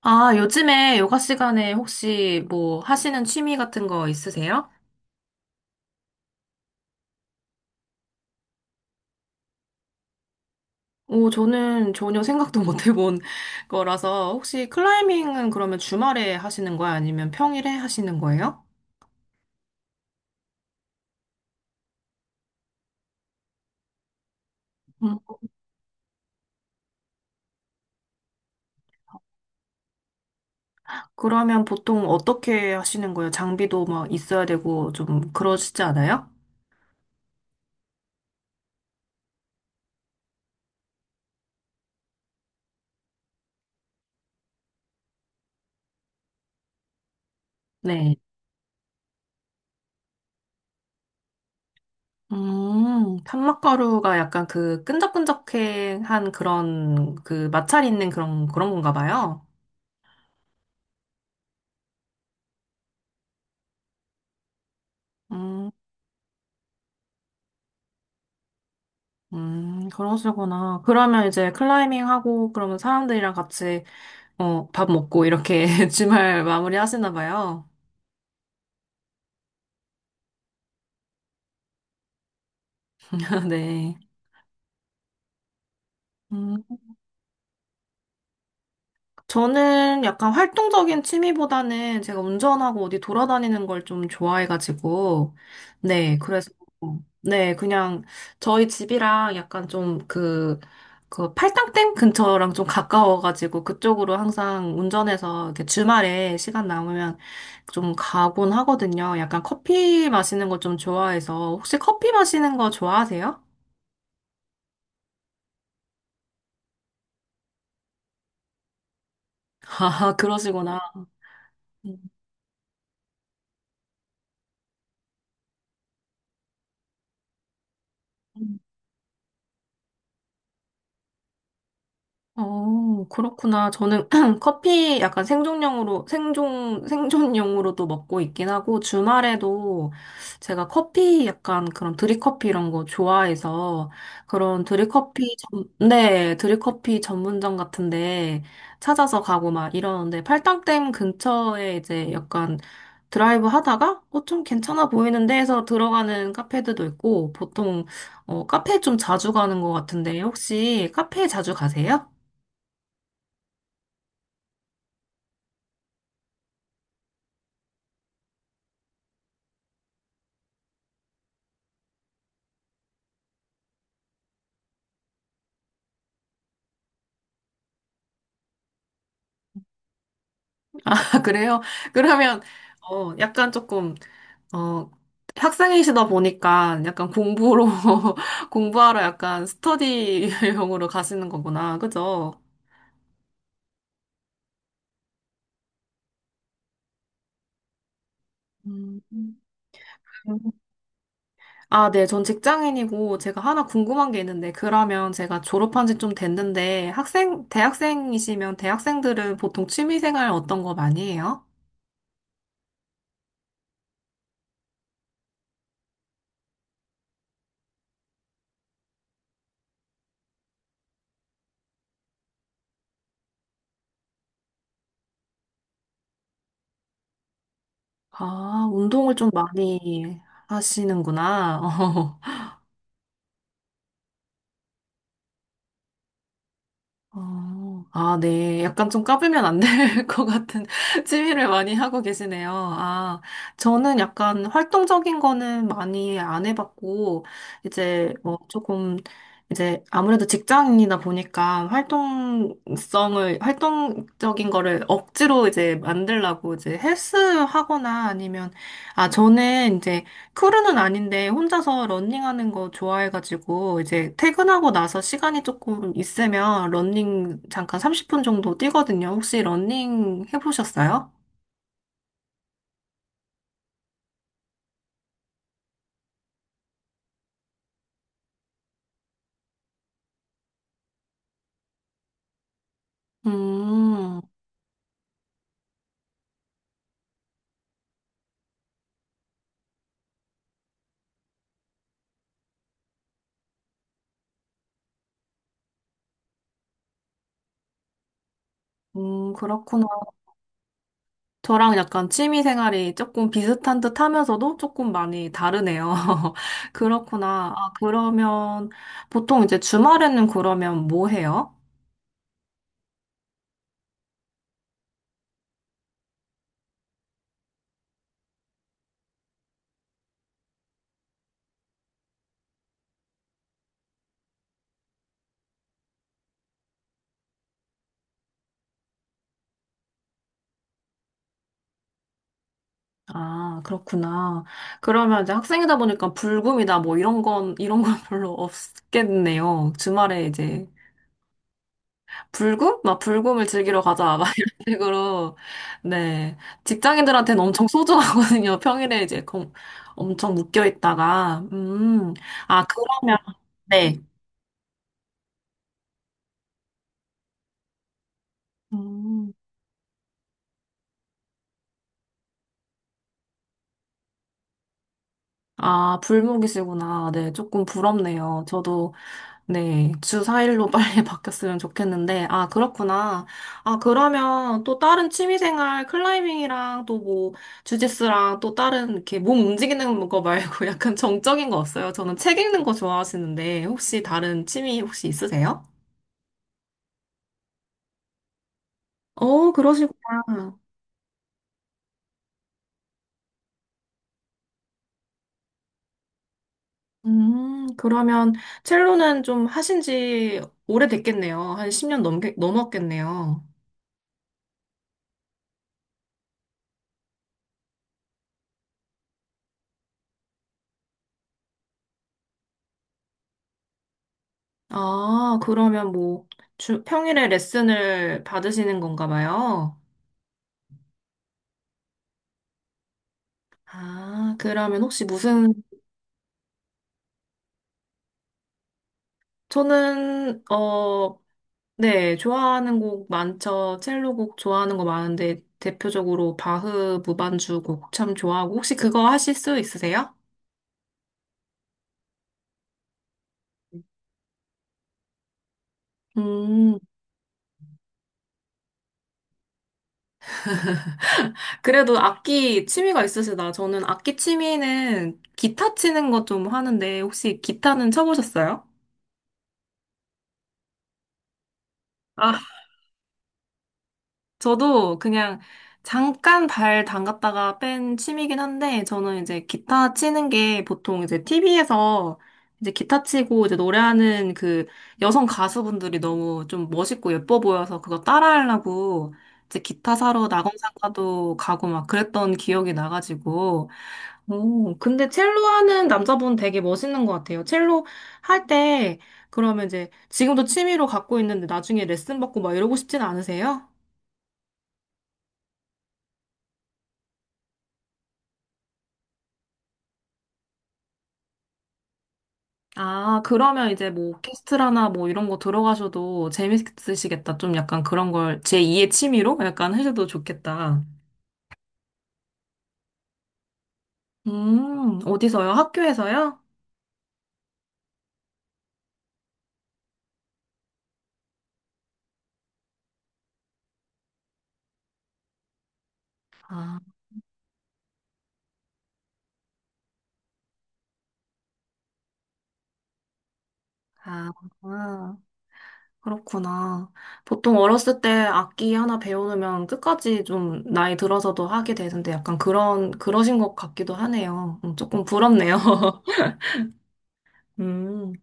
아, 요즘에 요가 시간에 혹시 뭐 하시는 취미 같은 거 있으세요? 오, 저는 전혀 생각도 못 해본 거라서 혹시 클라이밍은 그러면 주말에 하시는 거예요? 아니면 평일에 하시는 거예요? 음, 그러면 보통 어떻게 하시는 거예요? 장비도 막 있어야 되고 좀 그러시지 않아요? 네. 탄막가루가 약간 그 끈적끈적한 그런 그 마찰 있는 그런 그런 건가 봐요. 음. 그러시구나. 그러면 이제 클라이밍 하고, 그러면 사람들이랑 같이, 어, 밥 먹고, 이렇게 주말 마무리 하시나 봐요. 네. 음. 저는 약간 활동적인 취미보다는 제가 운전하고 어디 돌아다니는 걸 좀 좋아해가지고, 네, 그래서, 네, 그냥 저희 집이랑 약간 좀 그, 그 팔당댐 근처랑 좀 가까워가지고 그쪽으로 항상 운전해서 이렇게 주말에 시간 남으면 좀 가곤 하거든요. 약간 커피 마시는 거 좀 좋아해서, 혹시 커피 마시는 거 좋아하세요? 아, 그러시구나. 어, 그렇구나. 저는 커피 약간 생존용으로, 생존용으로도 먹고 있긴 하고, 주말에도 제가 커피 약간 그런 드립커피 이런 거 좋아해서, 그런 네, 드립커피 전문점 같은데 찾아서 가고 막 이러는데, 팔당댐 근처에 이제 약간 드라이브 하다가, 어, 좀 괜찮아 보이는데 해서 들어가는 카페들도 있고, 보통, 어, 카페 좀 자주 가는 것 같은데, 혹시 카페 자주 가세요? 아, 그래요? 그러면, 어, 약간 조금, 어, 학생이시다 보니까 약간 공부로, 공부하러 약간 스터디용으로 가시는 거구나. 그죠? 음. 아, 네. 전 직장인이고 제가 하나 궁금한 게 있는데, 그러면 제가 졸업한 지 좀 됐는데, 대학생이시면 대학생들은 보통 취미생활 어떤 거 많이 해요? 아, 운동을 좀 많이 하시는구나. 어, 아, 네. 약간 좀 까불면 안 될 것 같은 취미를 많이 하고 계시네요. 아, 저는 약간 활동적인 거는 많이 안 해봤고, 이제 뭐 조금, 이제 아무래도 직장인이다 보니까 활동적인 거를 억지로 이제 만들려고 이제 헬스 하거나 아니면, 아, 저는 이제 크루는 아닌데 혼자서 러닝하는 거 좋아해가지고 이제 퇴근하고 나서 시간이 조금 있으면 러닝 잠깐 30분 정도 뛰거든요. 혹시 러닝 해보셨어요? 음, 그렇구나. 저랑 약간 취미 생활이 조금 비슷한 듯 하면서도 조금 많이 다르네요. 그렇구나. 아, 그러면 보통 이제 주말에는 그러면 뭐 해요? 아, 그렇구나. 그러면 이제 학생이다 보니까 불금이다 뭐 이런 건 별로 없겠네요. 주말에 이제 불금? 막 불금을 즐기러 가자. 막 이런 식으로. 네. 직장인들한테는 엄청 소중하거든요. 평일에 이제 엄청 묶여 있다가. 음. 아, 그러면, 네. 음. 아, 불목이시구나. 네, 조금 부럽네요. 저도, 네, 주 4일로 빨리 바뀌었으면 좋겠는데, 아, 그렇구나. 아, 그러면 또 다른 취미생활, 클라이밍이랑 또 뭐, 주짓수랑 또 다른 이렇게 몸 움직이는 거 말고 약간 정적인 거 없어요? 저는 책 읽는 거 좋아하시는데, 혹시 다른 취미 혹시 있으세요? 어, 그러시구나. 그러면 첼로는 좀 하신 지 오래됐겠네요. 한 10년 넘었겠네요. 아, 그러면 뭐, 평일에 레슨을 받으시는 건가 봐요? 아, 그러면 혹시 무슨, 저는, 어, 네, 좋아하는 곡 많죠. 첼로 곡 좋아하는 거 많은데, 대표적으로 바흐 무반주 곡 참 좋아하고, 혹시 그거 하실 수 있으세요? 음, 그래도 악기 취미가 있으시다. 저는 악기 취미는 기타 치는 거 좀 하는데, 혹시 기타는 쳐보셨어요? 저도 그냥 잠깐 발 담갔다가 뺀 취미긴 한데, 저는 이제 기타 치는 게 보통 이제 TV에서 이제 기타 치고 이제 노래하는 그 여성 가수분들이 너무 좀 멋있고 예뻐 보여서 그거 따라하려고 이제 기타 사러 낙원상가도 가고 막 그랬던 기억이 나가지고, 오, 근데 첼로 하는 남자분 되게 멋있는 것 같아요. 첼로 할 때, 그러면 이제 지금도 취미로 갖고 있는데 나중에 레슨 받고 막 이러고 싶진 않으세요? 아, 그러면 이제 뭐 오케스트라나 뭐 이런 거 들어가셔도 재밌으시겠다. 좀 약간 그런 걸 제2의 취미로 약간 하셔도 좋겠다. 어디서요? 학교에서요? 아, 아, 아, 그렇구나. 보통 어렸을 때 악기 하나 배우면 끝까지 좀 나이 들어서도 하게 되는데 약간 그러신 것 같기도 하네요. 조금 부럽네요. 음.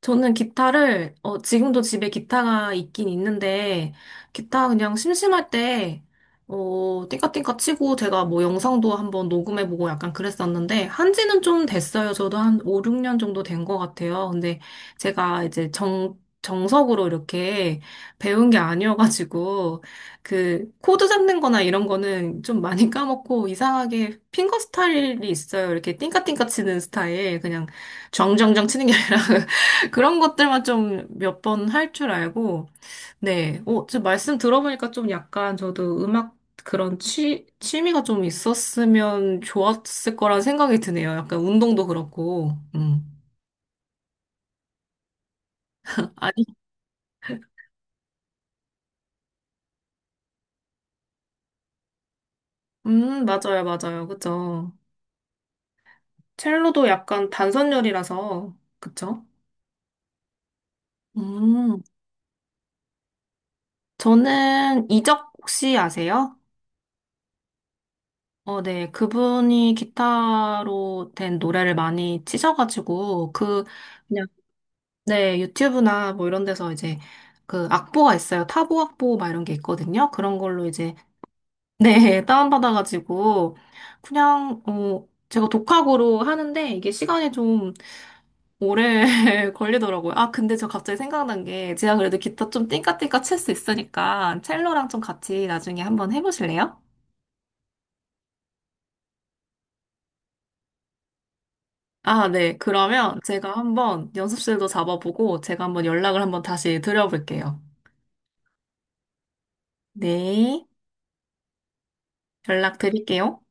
저는 기타를, 어, 지금도 집에 기타가 있긴 있는데, 기타 그냥 심심할 때, 어, 띵까띵까 치고 제가 뭐 영상도 한번 녹음해보고 약간 그랬었는데, 한지는 좀 됐어요. 저도 한 5, 6년 정도 된 것 같아요. 근데 제가 이제 정석으로 이렇게 배운 게 아니어가지고, 그, 코드 잡는 거나 이런 거는 좀 많이 까먹고, 이상하게 핑거 스타일이 있어요. 이렇게 띵까띵까 치는 스타일. 그냥 정정정 치는 게 아니라. 그런 것들만 좀 몇 번 할 줄 알고, 네. 어, 지금 말씀 들어보니까 좀 약간 저도 음악 그런 취미가 좀 있었으면 좋았을 거란 생각이 드네요. 약간 운동도 그렇고, 아니, 맞아요, 맞아요. 그죠. 첼로도 약간 단선열이라서, 그쵸? 음, 저는 이적 혹시 아세요? 어, 네. 그분이 기타로 된 노래를 많이 치셔가지고, 그, 네, 유튜브나 뭐 이런 데서 이제 그 악보가 있어요. 타보 악보 막 이런 게 있거든요. 그런 걸로 이제, 네, 다운받아가지고 그냥, 어, 제가 독학으로 하는데 이게 시간이 좀 오래 걸리더라고요. 아, 근데 저 갑자기 생각난 게 제가 그래도 기타 좀 띵까띵까 칠 수 있으니까 첼로랑 좀 같이 나중에 한번 해보실래요? 아, 네. 그러면 제가 한번 연습실도 잡아보고 제가 한번 연락을 한번 다시 드려볼게요. 네. 연락 드릴게요.